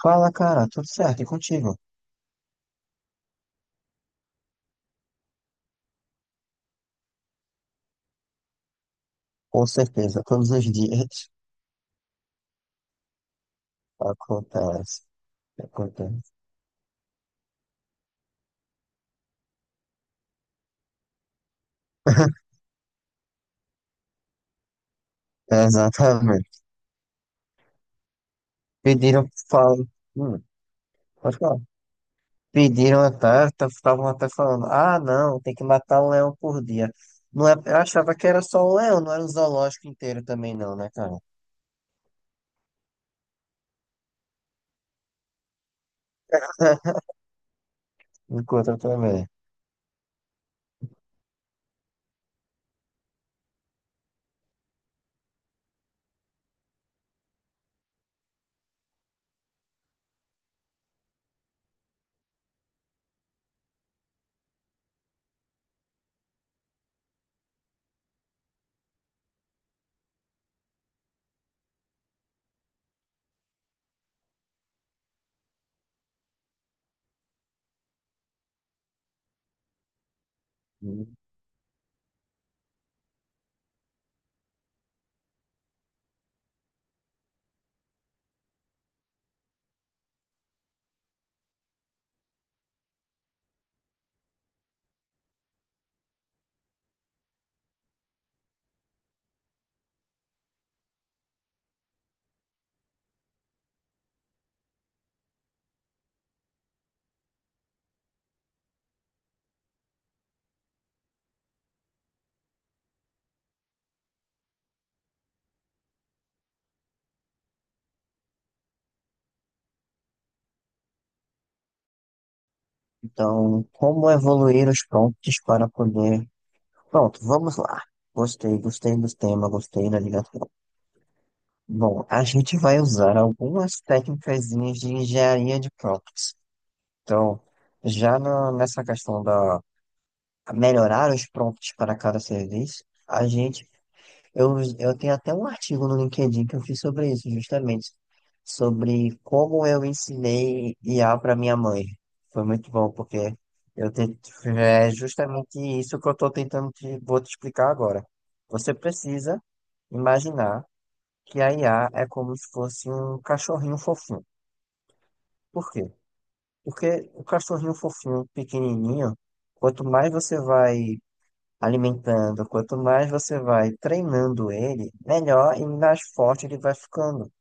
Fala, cara, tudo certo? E contigo? Com certeza, todos os dias acontece. Acontece. Exatamente. Pediram, falam, hum, pode falar. Pediram até, estavam até falando, ah, não, tem que matar um leão por dia. Não é, eu achava que era só o leão, não era o zoológico inteiro também não, né, cara? Enquanto também. Então, como evoluir os prompts para poder... Pronto, vamos lá. Gostei, gostei do tema, gostei da ligação. Bom, a gente vai usar algumas técnicas de engenharia de prompts. Então, nessa questão da melhorar os prompts para cada serviço, a gente, eu tenho até um artigo no LinkedIn que eu fiz sobre isso, justamente, sobre como eu ensinei IA para minha mãe. Foi muito bom, porque eu te, é justamente isso que eu estou tentando te, vou te explicar agora. Você precisa imaginar que a IA é como se fosse um cachorrinho fofinho. Por quê? Porque o cachorrinho fofinho, pequenininho, quanto mais você vai alimentando, quanto mais você vai treinando ele, melhor e mais forte ele vai ficando.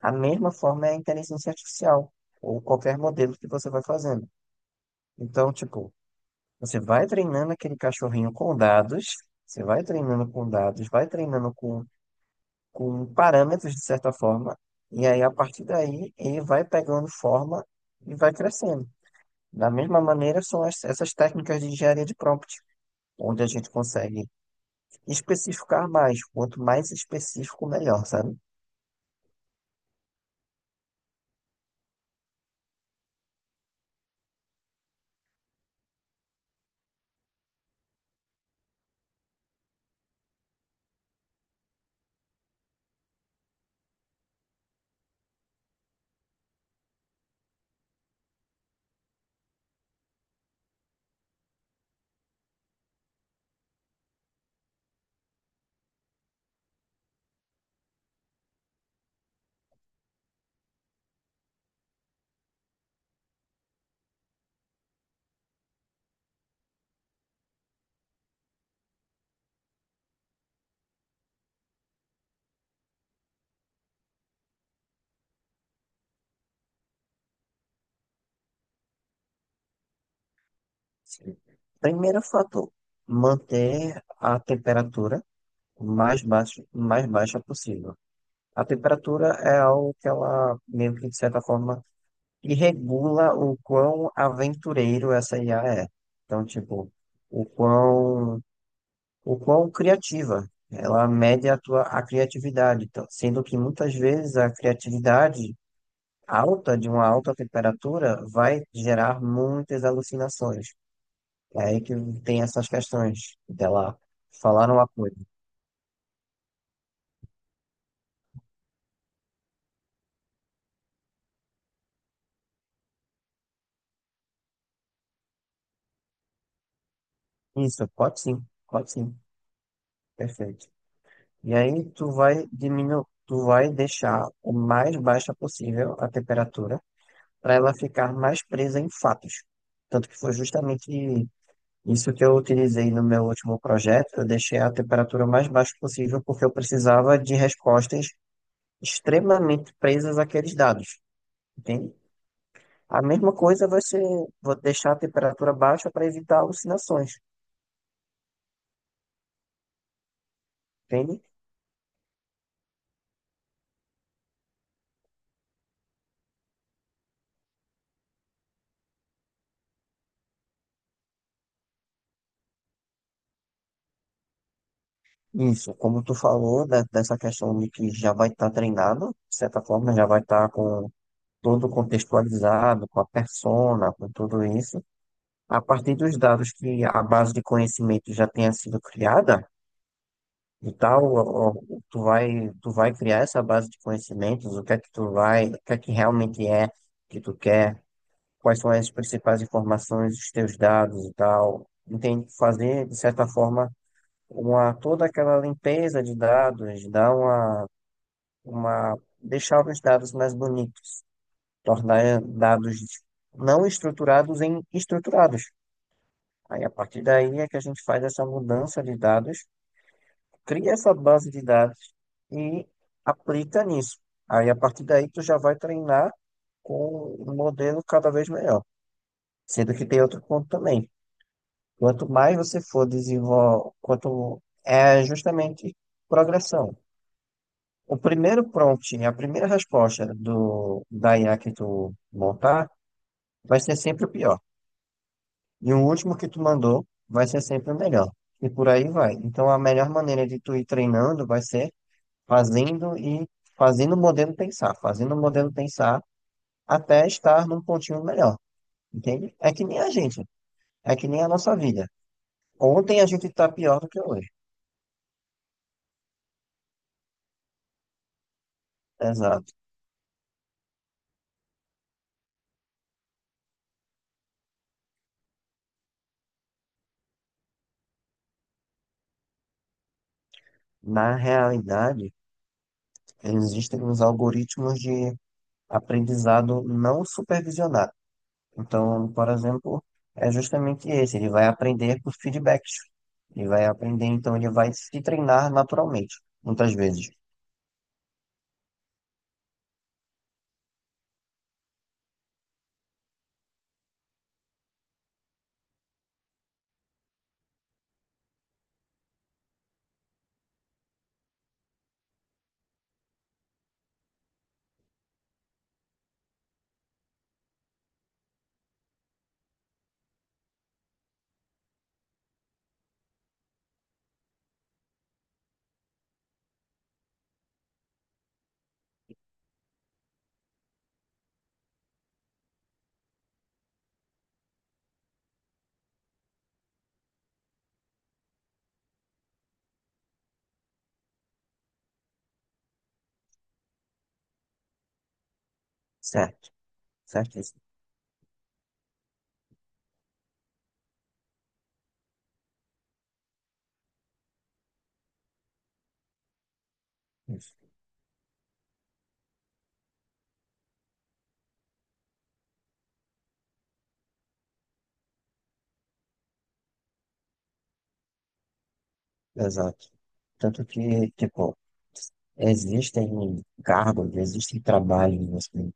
A mesma forma é a inteligência artificial, ou qualquer modelo que você vai fazendo. Então, tipo, você vai treinando aquele cachorrinho com dados, você vai treinando com dados, vai treinando com parâmetros, de certa forma, e aí a partir daí ele vai pegando forma e vai crescendo. Da mesma maneira, são essas técnicas de engenharia de prompt, onde a gente consegue especificar mais, quanto mais específico, melhor, sabe? Sim. Primeiro fator, manter a temperatura o mais baixa possível. A temperatura é algo que ela, meio que de certa forma, e regula o quão aventureiro essa IA é. Então, tipo, o quão, o quão criativa. Ela mede a tua a criatividade. Então, sendo que muitas vezes a criatividade alta, de uma alta temperatura, vai gerar muitas alucinações. É aí que tem essas questões dela falar uma coisa. Isso, pode sim, perfeito. E aí tu vai diminuir, tu vai deixar o mais baixa possível a temperatura para ela ficar mais presa em fatos. Tanto que foi justamente isso que eu utilizei no meu último projeto. Eu deixei a temperatura mais baixa possível porque eu precisava de respostas extremamente presas àqueles dados, entende? A mesma coisa vai ser, vou deixar a temperatura baixa para evitar alucinações, entende? Isso, como tu falou, dessa questão de que já vai estar treinado, de certa forma já vai estar com todo contextualizado, com a persona, com tudo isso. A partir dos dados que a base de conhecimento já tenha sido criada e tal, ó, ó, tu vai criar essa base de conhecimentos, o que é que tu vai, o que é que realmente é que tu quer, quais são as principais informações, os teus dados e tal. Entende? Fazer, de certa forma, uma, toda aquela limpeza de dados, dar uma, deixar os dados mais bonitos, tornar dados não estruturados em estruturados. Aí, a partir daí é que a gente faz essa mudança de dados, cria essa base de dados e aplica nisso. Aí, a partir daí, tu já vai treinar com um modelo cada vez melhor. Sendo que tem outro ponto também. Quanto mais você for desenvolver, quanto é justamente progressão. O primeiro prompt, a primeira resposta do, da IA que tu montar, vai ser sempre o pior. E o último que tu mandou vai ser sempre o melhor. E por aí vai. Então a melhor maneira de tu ir treinando vai ser fazendo e fazendo o modelo pensar, fazendo o modelo pensar até estar num pontinho melhor. Entende? É que nem a gente, é que nem a nossa vida. Ontem a gente está pior do que hoje. Exato. Na realidade, existem uns algoritmos de aprendizado não supervisionado. Então, por exemplo, é justamente esse, ele vai aprender por feedbacks. Ele vai aprender, então ele vai se treinar naturalmente, muitas vezes. Certo, certo isso. Isso. Exato. Tanto que, tipo, existem cargos, existem trabalhos, assim,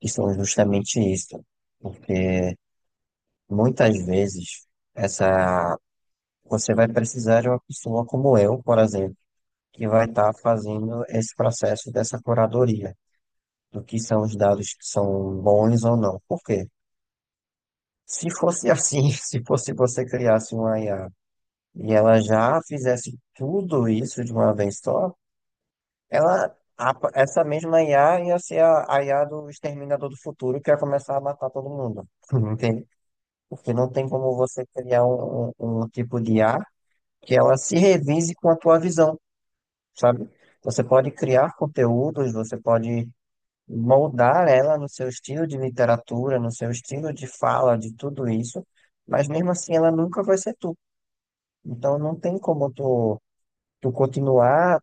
que são justamente isso. Porque muitas vezes essa você vai precisar de uma pessoa como eu, por exemplo, que vai estar fazendo esse processo dessa curadoria do que são os dados que são bons ou não. Por quê? Se fosse assim, se fosse você criasse uma IA e ela já fizesse tudo isso de uma vez só, essa mesma IA ia ser a IA do Exterminador do Futuro que ia começar a matar todo mundo. Entende? Porque não tem como você criar um tipo de IA que ela se revise com a tua visão, sabe? Você pode criar conteúdos, você pode moldar ela no seu estilo de literatura, no seu estilo de fala, de tudo isso, mas mesmo assim ela nunca vai ser tu. Então não tem como tu, tu continuar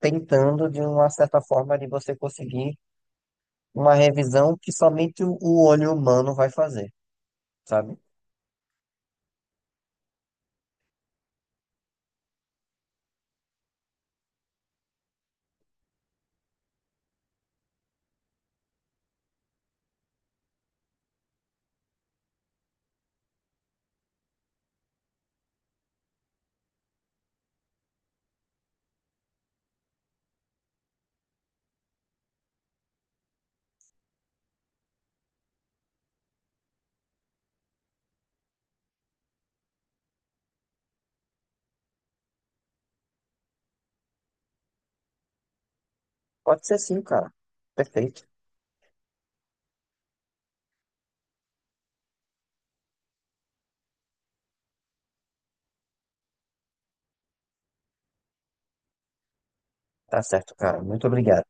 tentando de uma certa forma de você conseguir uma revisão que somente o olho humano vai fazer, sabe? Pode ser sim, cara. Perfeito. Tá certo, cara. Muito obrigado.